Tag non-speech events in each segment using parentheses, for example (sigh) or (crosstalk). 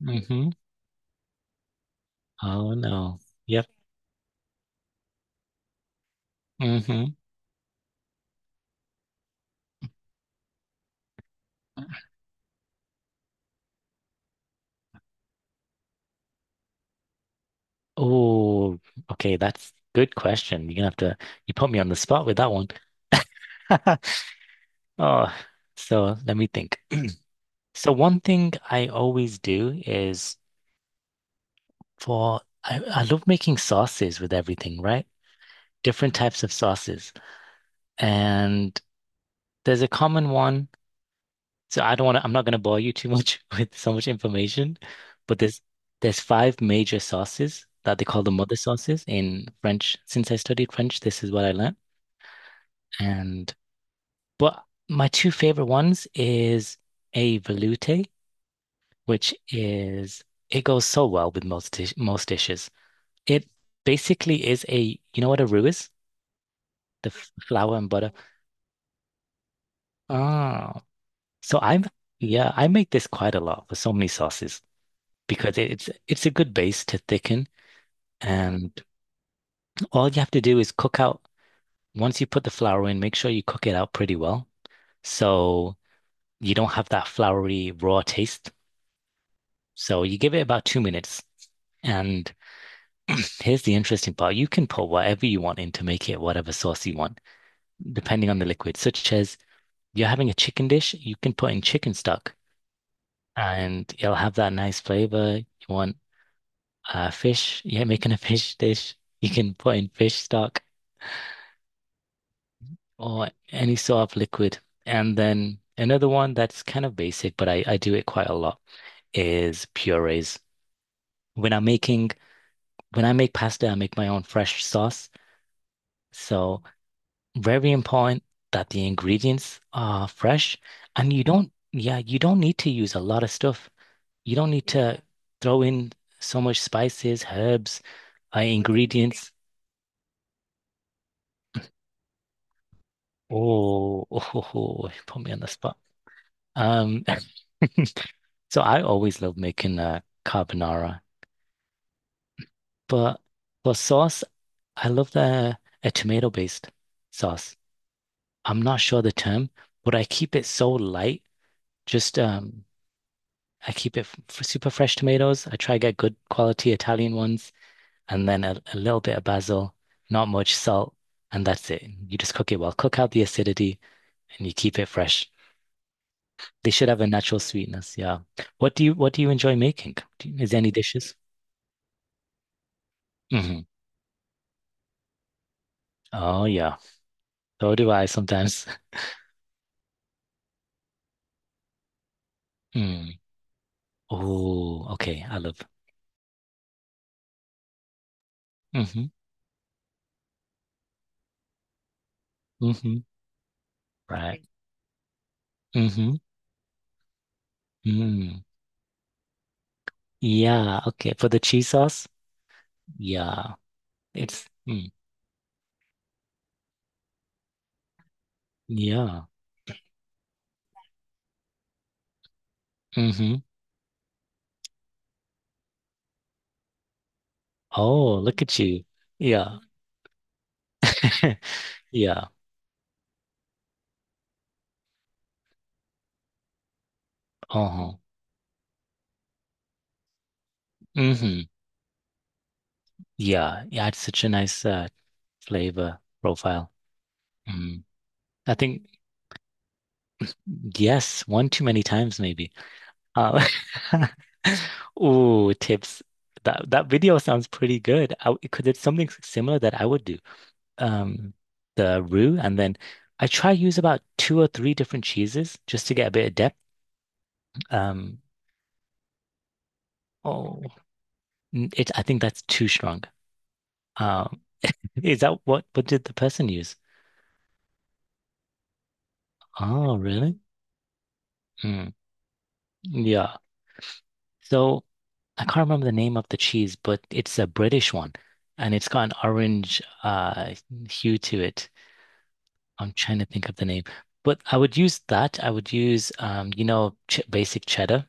Mm-hmm. Oh no. Yep. Mm-hmm. Oh, okay. That's good question. You're gonna have to you put me on the spot with that one. (laughs) Oh, so let me think. So one thing I always do is I love making sauces with everything, right? Different types of sauces. And there's a common one. I don't want to, I'm not going to bore you too much (laughs) with so much information, but there's five major sauces that they call the mother sauces in French. Since I studied French, this is what I learned. And But my two favorite ones is a velouté, which is it goes so well with most most dishes. It basically is a you know what a roux is? The flour and butter. Oh, so I'm yeah, I make this quite a lot for so many sauces, because it's a good base to thicken. And all you have to do is cook out, once you put the flour in, make sure you cook it out pretty well. So you don't have that floury raw taste. So you give it about 2 minutes. And here's the interesting part. You can put whatever you want in to make it whatever sauce you want, depending on the liquid, such as you're having a chicken dish, you can put in chicken stock and it'll have that nice flavor. You want fish, yeah, making a (laughs) fish dish, you can put in fish stock, or any sort of liquid. And then another one that's kind of basic, but I do it quite a lot is purees. When I'm making when I make pasta, I make my own fresh sauce. So very important that the ingredients are fresh and you don't yeah, you don't need to use a lot of stuff. You don't need to throw in so much spices, herbs, ingredients. Oh, (laughs) put me on the spot. Um, So I always love making carbonara, but for sauce, I love the a tomato-based sauce. I'm not sure the term, but I keep it so light. Just I keep it super fresh tomatoes. I try to get good quality Italian ones, and then a little bit of basil, not much salt, and that's it. You just cook it well, cook out the acidity, and you keep it fresh. They should have a natural Mm. sweetness. Yeah. What do you enjoy making? Is there any dishes? Hmm. Oh yeah. So do I sometimes. (laughs) Mm. Oh, okay. I love. Hmm. Hmm. Right. Hmm. Mm. Yeah. Okay. For the cheese sauce. Yeah. It's. Mm. Yeah. Hmm. Oh, look at you. Yeah. (laughs) Yeah. Uh-huh. Hmm. Yeah. Yeah. It's such a nice flavor profile. Mm. I think yes, one too many times maybe. Um, (laughs) ooh, tips. That video sounds pretty good. Because it's something similar that I would do. Um, the roux, and then I try use about two or three different cheeses just to get a bit of depth. Um, oh, n- it. I think that's too strong. Um, is that what did the person use? Oh, really? Mm, yeah. So I can't remember the name of the cheese, but it's a British one, and it's got an orange hue to it. I'm trying to think of the name, but I would use that. I would use, you know, ch basic cheddar.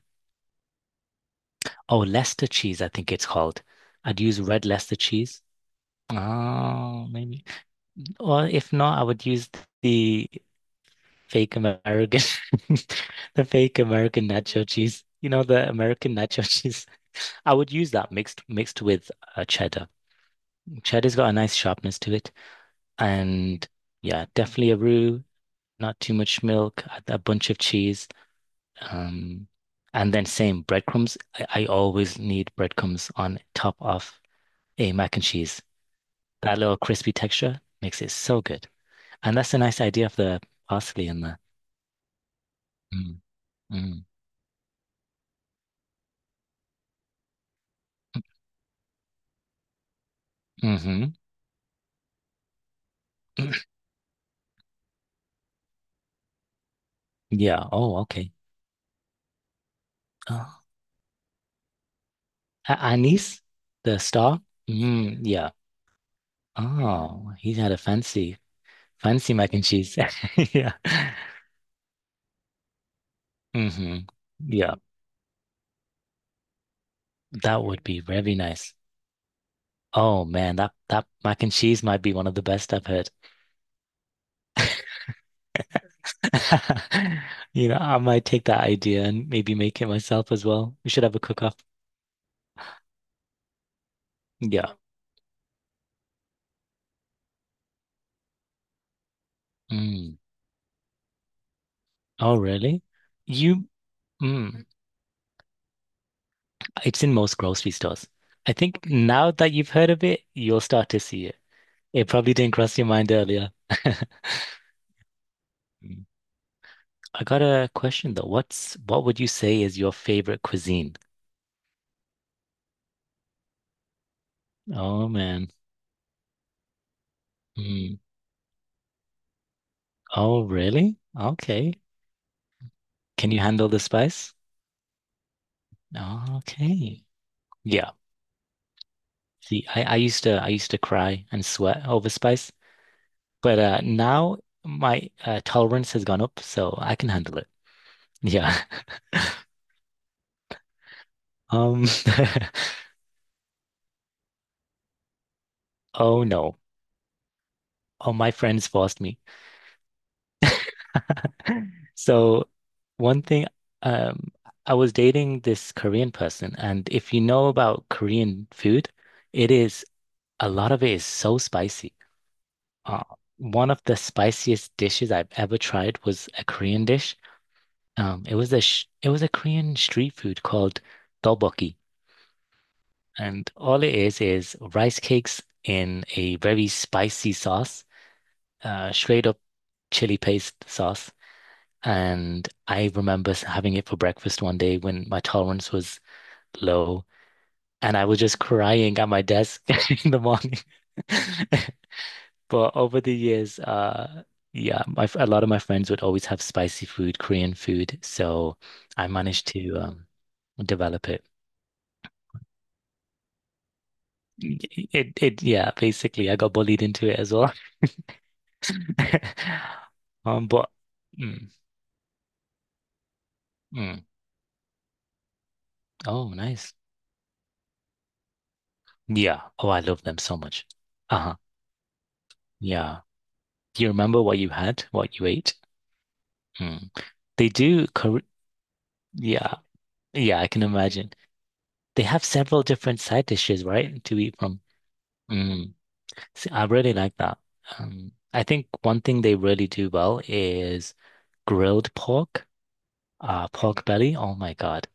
Oh, Leicester cheese, I think it's called. I'd use red Leicester cheese. Oh, maybe. Or if not, I would use the fake American, (laughs) the fake American nacho cheese. You know, the American nacho (laughs) cheese. I would use that mixed with cheddar. Cheddar's got a nice sharpness to it, and yeah, definitely a roux. Not too much milk, a bunch of cheese. Um, and then same breadcrumbs. I always need breadcrumbs on top of a mac and cheese. That little crispy texture makes it so good. And that's a nice idea of the parsley in there. Mm, mm, mm-hmm. (clears throat) Yeah. Oh, okay. Oh. A- Anis, the star. Mm, yeah. Oh, he's had a fancy mac and cheese. (laughs) Yeah. Mm-hmm. Yeah. That would be very nice. Oh man, that mac and cheese might be one of the best I've heard. (laughs) You know, I might take that idea and maybe make it myself as well. We should have a cook-off. Yeah. Mm. Oh, really? You, mm. It's in most grocery stores. I think now that you've heard of it, you'll start to see it. It probably didn't cross your mind earlier. (laughs) Mm. I got a question though. What would you say is your favorite cuisine? Oh man. Mm. Oh, really? Okay. Can you handle the spice? Okay. Yeah. See, I used to cry and sweat over spice, but now my tolerance has gone up, so I can handle it. Yeah. (laughs) Um. (laughs) Oh no. Oh, my friends forced me. So one thing, um, I was dating this Korean person, and if you know about Korean food, it is a lot of it is so spicy. Uh, one of the spiciest dishes I've ever tried was a Korean dish. It was a sh it was a Korean street food called tteokbokki, and all it is rice cakes in a very spicy sauce, straight up chili paste sauce. And I remember having it for breakfast one day when my tolerance was low, and I was just crying at my desk (laughs) in the morning. (laughs) But over the years, yeah, a lot of my friends would always have spicy food, Korean food, so I managed to develop it. It yeah, basically I got bullied into it as well. (laughs) But mm, mm. Oh, nice. Yeah. Oh, I love them so much. Uh-huh. Yeah. Do you remember what you had, what you ate? Mm. They do. Kor yeah. Yeah, I can imagine. They have several different side dishes, right, to eat from. Mm. See, I really like that. I think one thing they really do well is grilled pork, pork belly. Oh my God.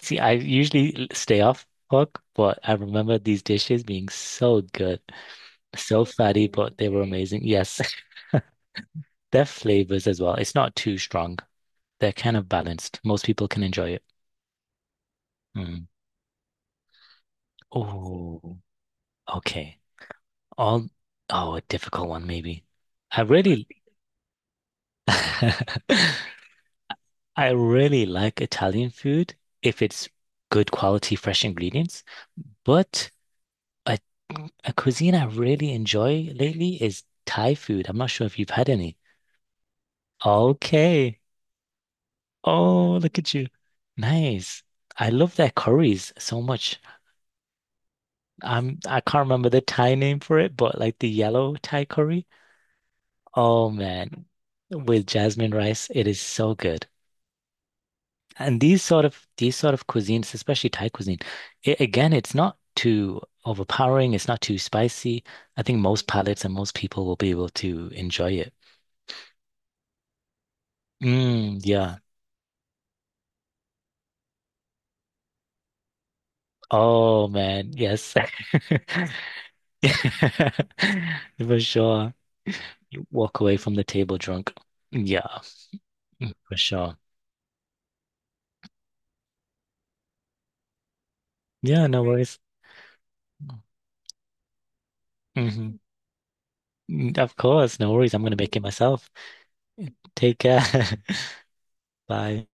See, I usually stay off pork, but I remember these dishes being so good, so fatty, but they were Really? Amazing. Yes, (laughs) their flavors as well. It's not too strong. They're kind of balanced. Most people can enjoy it. Mm. Oh, okay. All, oh, a difficult one maybe. I really, (laughs) I really like Italian food if it's good quality, fresh ingredients. But A, a cuisine I really enjoy lately is Thai food. I'm not sure if you've had any. Okay. Oh, look at you. Nice. I love their curries so much. I can't remember the Thai name for it, but like the yellow Thai curry. Oh man. With jasmine rice, it is so good. And these sort of cuisines, especially Thai cuisine, again, it's not too overpowering, it's not too spicy. I think most palates and most people will be able to enjoy it. Mm, yeah. Oh man, yes. (laughs) For sure. You walk away from the table drunk. Yeah, mm, for sure. Yeah, no worries. Hmm. Of course, no worries. I'm gonna make it myself. Take care. (laughs) Bye.